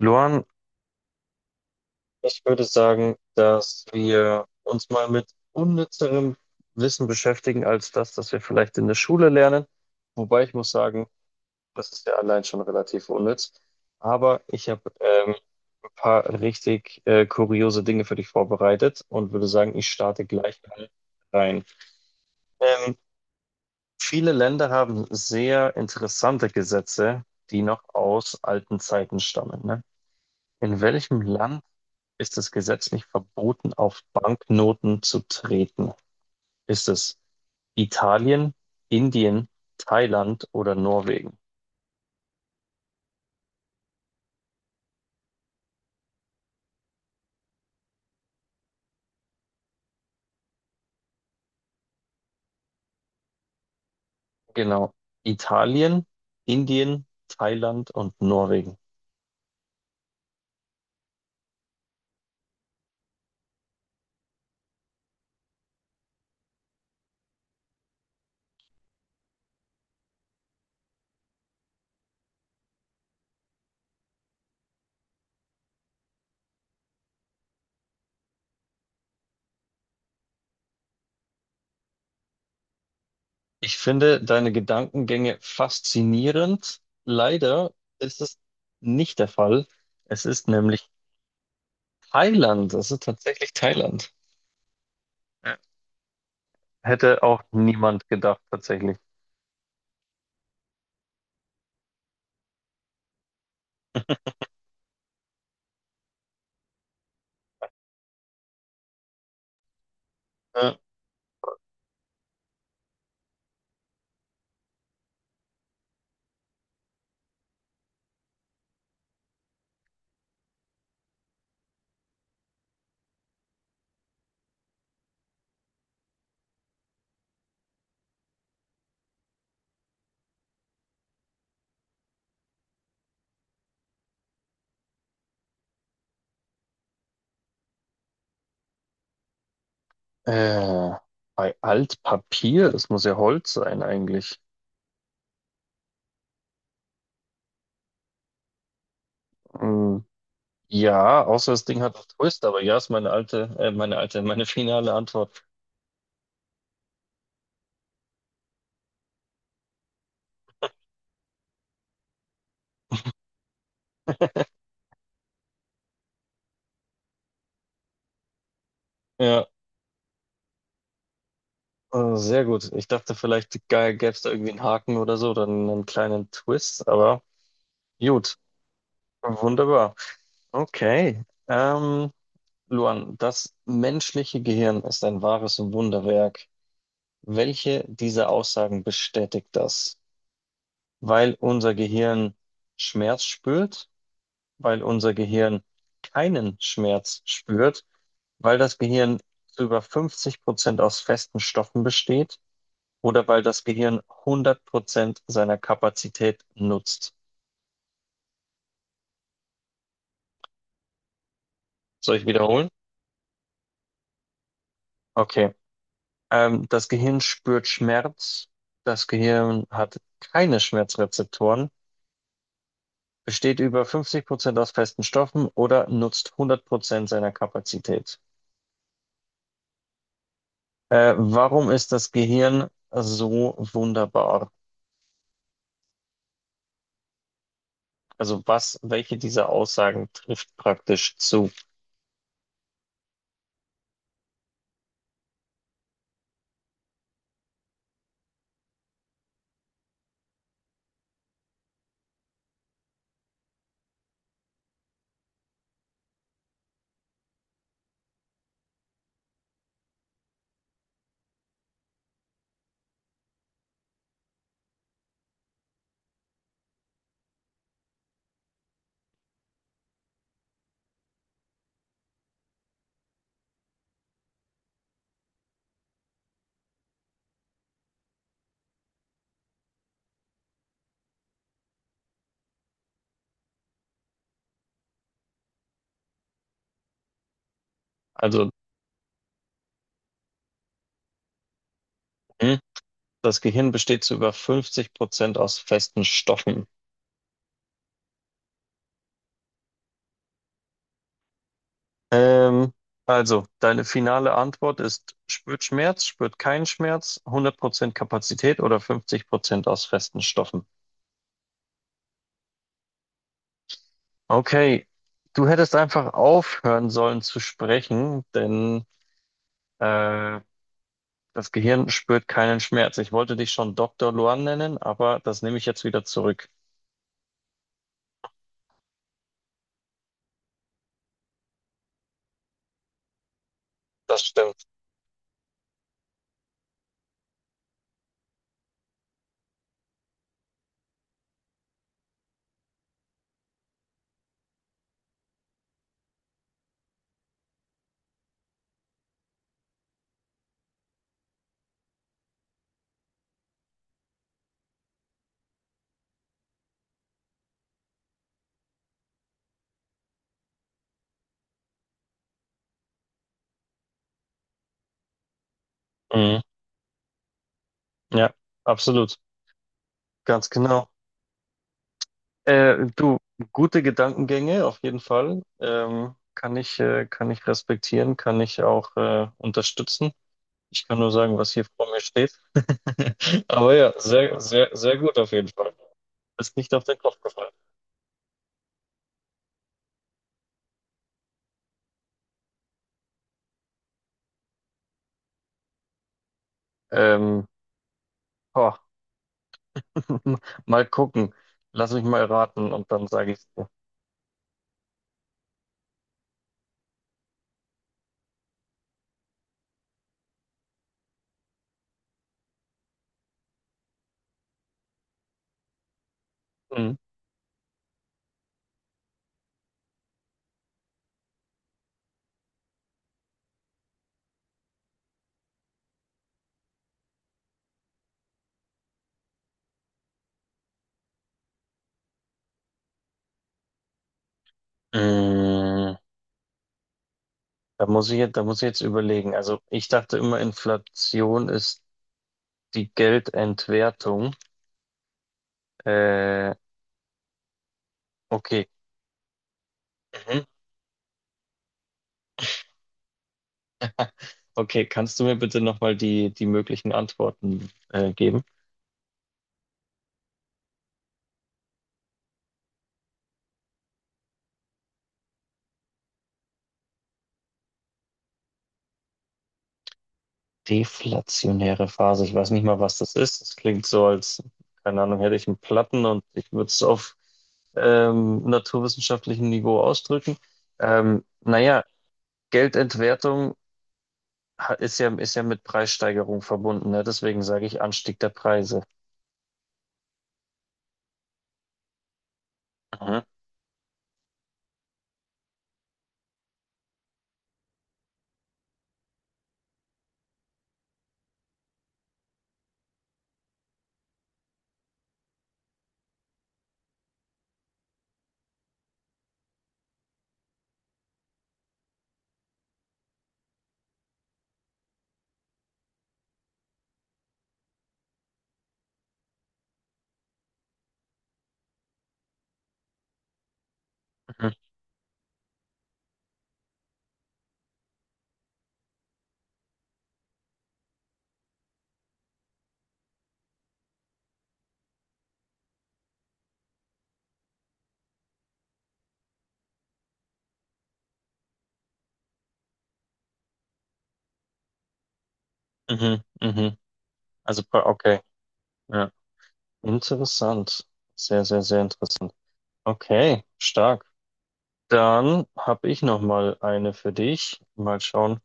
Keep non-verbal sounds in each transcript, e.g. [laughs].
Luan, ich würde sagen, dass wir uns mal mit unnützerem Wissen beschäftigen als das, das wir vielleicht in der Schule lernen. Wobei ich muss sagen, das ist ja allein schon relativ unnütz. Aber ich habe ein paar richtig kuriose Dinge für dich vorbereitet und würde sagen, ich starte gleich mal rein. Ähm, Viele Länder haben sehr interessante Gesetze, die noch aus alten Zeiten stammen, ne? In welchem Land ist es gesetzlich verboten, auf Banknoten zu treten? Ist es Italien, Indien, Thailand oder Norwegen? Genau. Italien, Indien, Thailand und Norwegen. Ich finde deine Gedankengänge faszinierend. Leider ist es nicht der Fall. Es ist nämlich Thailand. Es ist tatsächlich Thailand. Ja. Hätte auch niemand gedacht, tatsächlich. Äh, Äh, bei Altpapier, das muss ja Holz sein eigentlich. Hm, ja, außer das Ding hat einen Twist, aber ja, ist meine meine finale Antwort. Ja, sehr gut. Ich dachte vielleicht gäbe es da irgendwie einen Haken oder so oder einen kleinen Twist, aber gut, wunderbar. Okay. Luan, das menschliche Gehirn ist ein wahres Wunderwerk. Welche dieser Aussagen bestätigt das? Weil unser Gehirn Schmerz spürt, weil unser Gehirn keinen Schmerz spürt, weil das Gehirn zu über 50% aus festen Stoffen besteht oder weil das Gehirn 100% seiner Kapazität nutzt. Soll ich wiederholen? Okay. Das Gehirn spürt Schmerz. Das Gehirn hat keine Schmerzrezeptoren, besteht über 50% aus festen Stoffen oder nutzt 100% seiner Kapazität. Warum ist das Gehirn so wunderbar? Also was, welche dieser Aussagen trifft praktisch zu? Also, hm, das Gehirn besteht zu über 50% aus festen Stoffen. Ähm, also, deine finale Antwort ist, spürt Schmerz, spürt keinen Schmerz, 100% Kapazität oder 50% aus festen Stoffen. Okay, du hättest einfach aufhören sollen zu sprechen, denn äh, das Gehirn spürt keinen Schmerz. Ich wollte dich schon Dr. Luan nennen, aber das nehme ich jetzt wieder zurück. Das stimmt. Mhm. Ja, absolut. Ganz genau. Du, gute Gedankengänge auf jeden Fall. Kann ich, kann ich respektieren, kann ich auch unterstützen. Ich kann nur sagen, was hier vor mir steht. [laughs] Aber ja, sehr, sehr, sehr gut auf jeden Fall. Ist nicht auf den Kopf gefallen. Ähm, boah, [laughs] mal gucken. Lass mich mal raten und dann sage ich dir. Mhm. Mm, Da muss ich jetzt überlegen. Also ich dachte immer, Inflation ist die Geldentwertung. Äh, okay. Mhm. Okay, kannst du mir bitte nochmal die möglichen Antworten geben? Deflationäre Phase. Ich weiß nicht mal, was das ist. Das klingt so, als, keine Ahnung, hätte ich einen Platten und ich würde es auf naturwissenschaftlichem Niveau ausdrücken. Naja, Geldentwertung ist ja mit Preissteigerung verbunden, ne? Deswegen sage ich Anstieg der Preise. Mhm, mhm, mhm, mhm. Okay. Interessant. Sehr, sehr, sehr interessant. Okay, stark. Dann habe ich noch mal eine für dich. Mal schauen,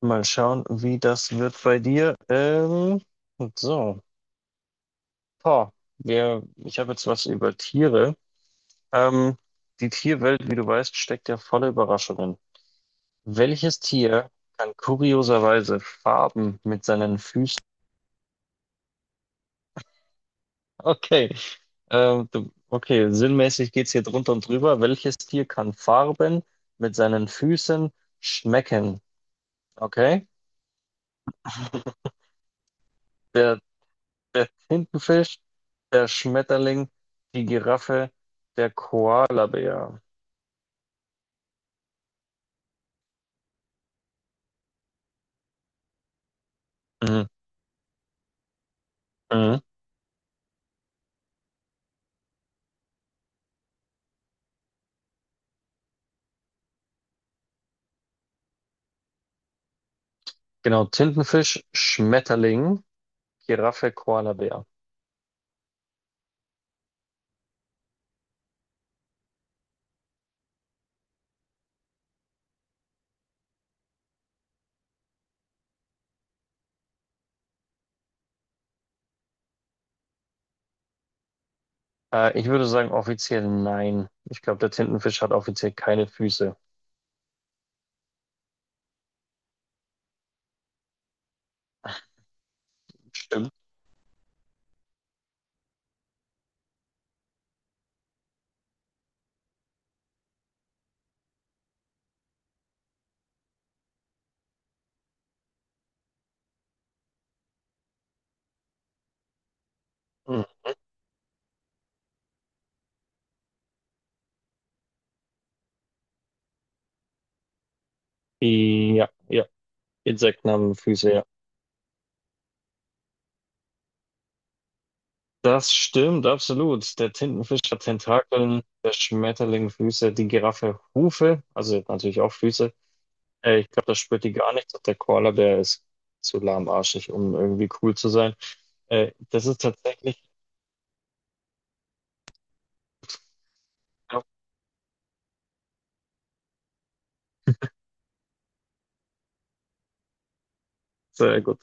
mal schauen, wie das wird bei dir. So, boah, Ich habe jetzt was über Tiere. Ähm, Die Tierwelt, wie du weißt, steckt ja voller Überraschungen. Welches Tier kann kurioserweise Farben mit seinen Füßen. Okay. Du, okay, sinnmäßig geht's hier drunter und drüber. Welches Tier kann Farben mit seinen Füßen schmecken? Okay. Der, der Tintenfisch, der Schmetterling, die Giraffe, der Koalabär. Mhm. Mhm. Genau, Tintenfisch, Schmetterling, Giraffe, Koalabär. Ich würde sagen offiziell nein. Ich glaube, der Tintenfisch hat offiziell keine Füße. Stimmt. Mhm. Ja, ja. Insekten haben Füße, ja. Das stimmt, absolut. Der Tintenfisch hat Tentakeln, der Schmetterling Füße, die Giraffe Hufe, also natürlich auch Füße. Ich glaube, das spürt die gar nicht. Der Koalabär ist zu lahmarschig, um irgendwie cool zu sein. Das ist tatsächlich, ich glaub, sehr gut.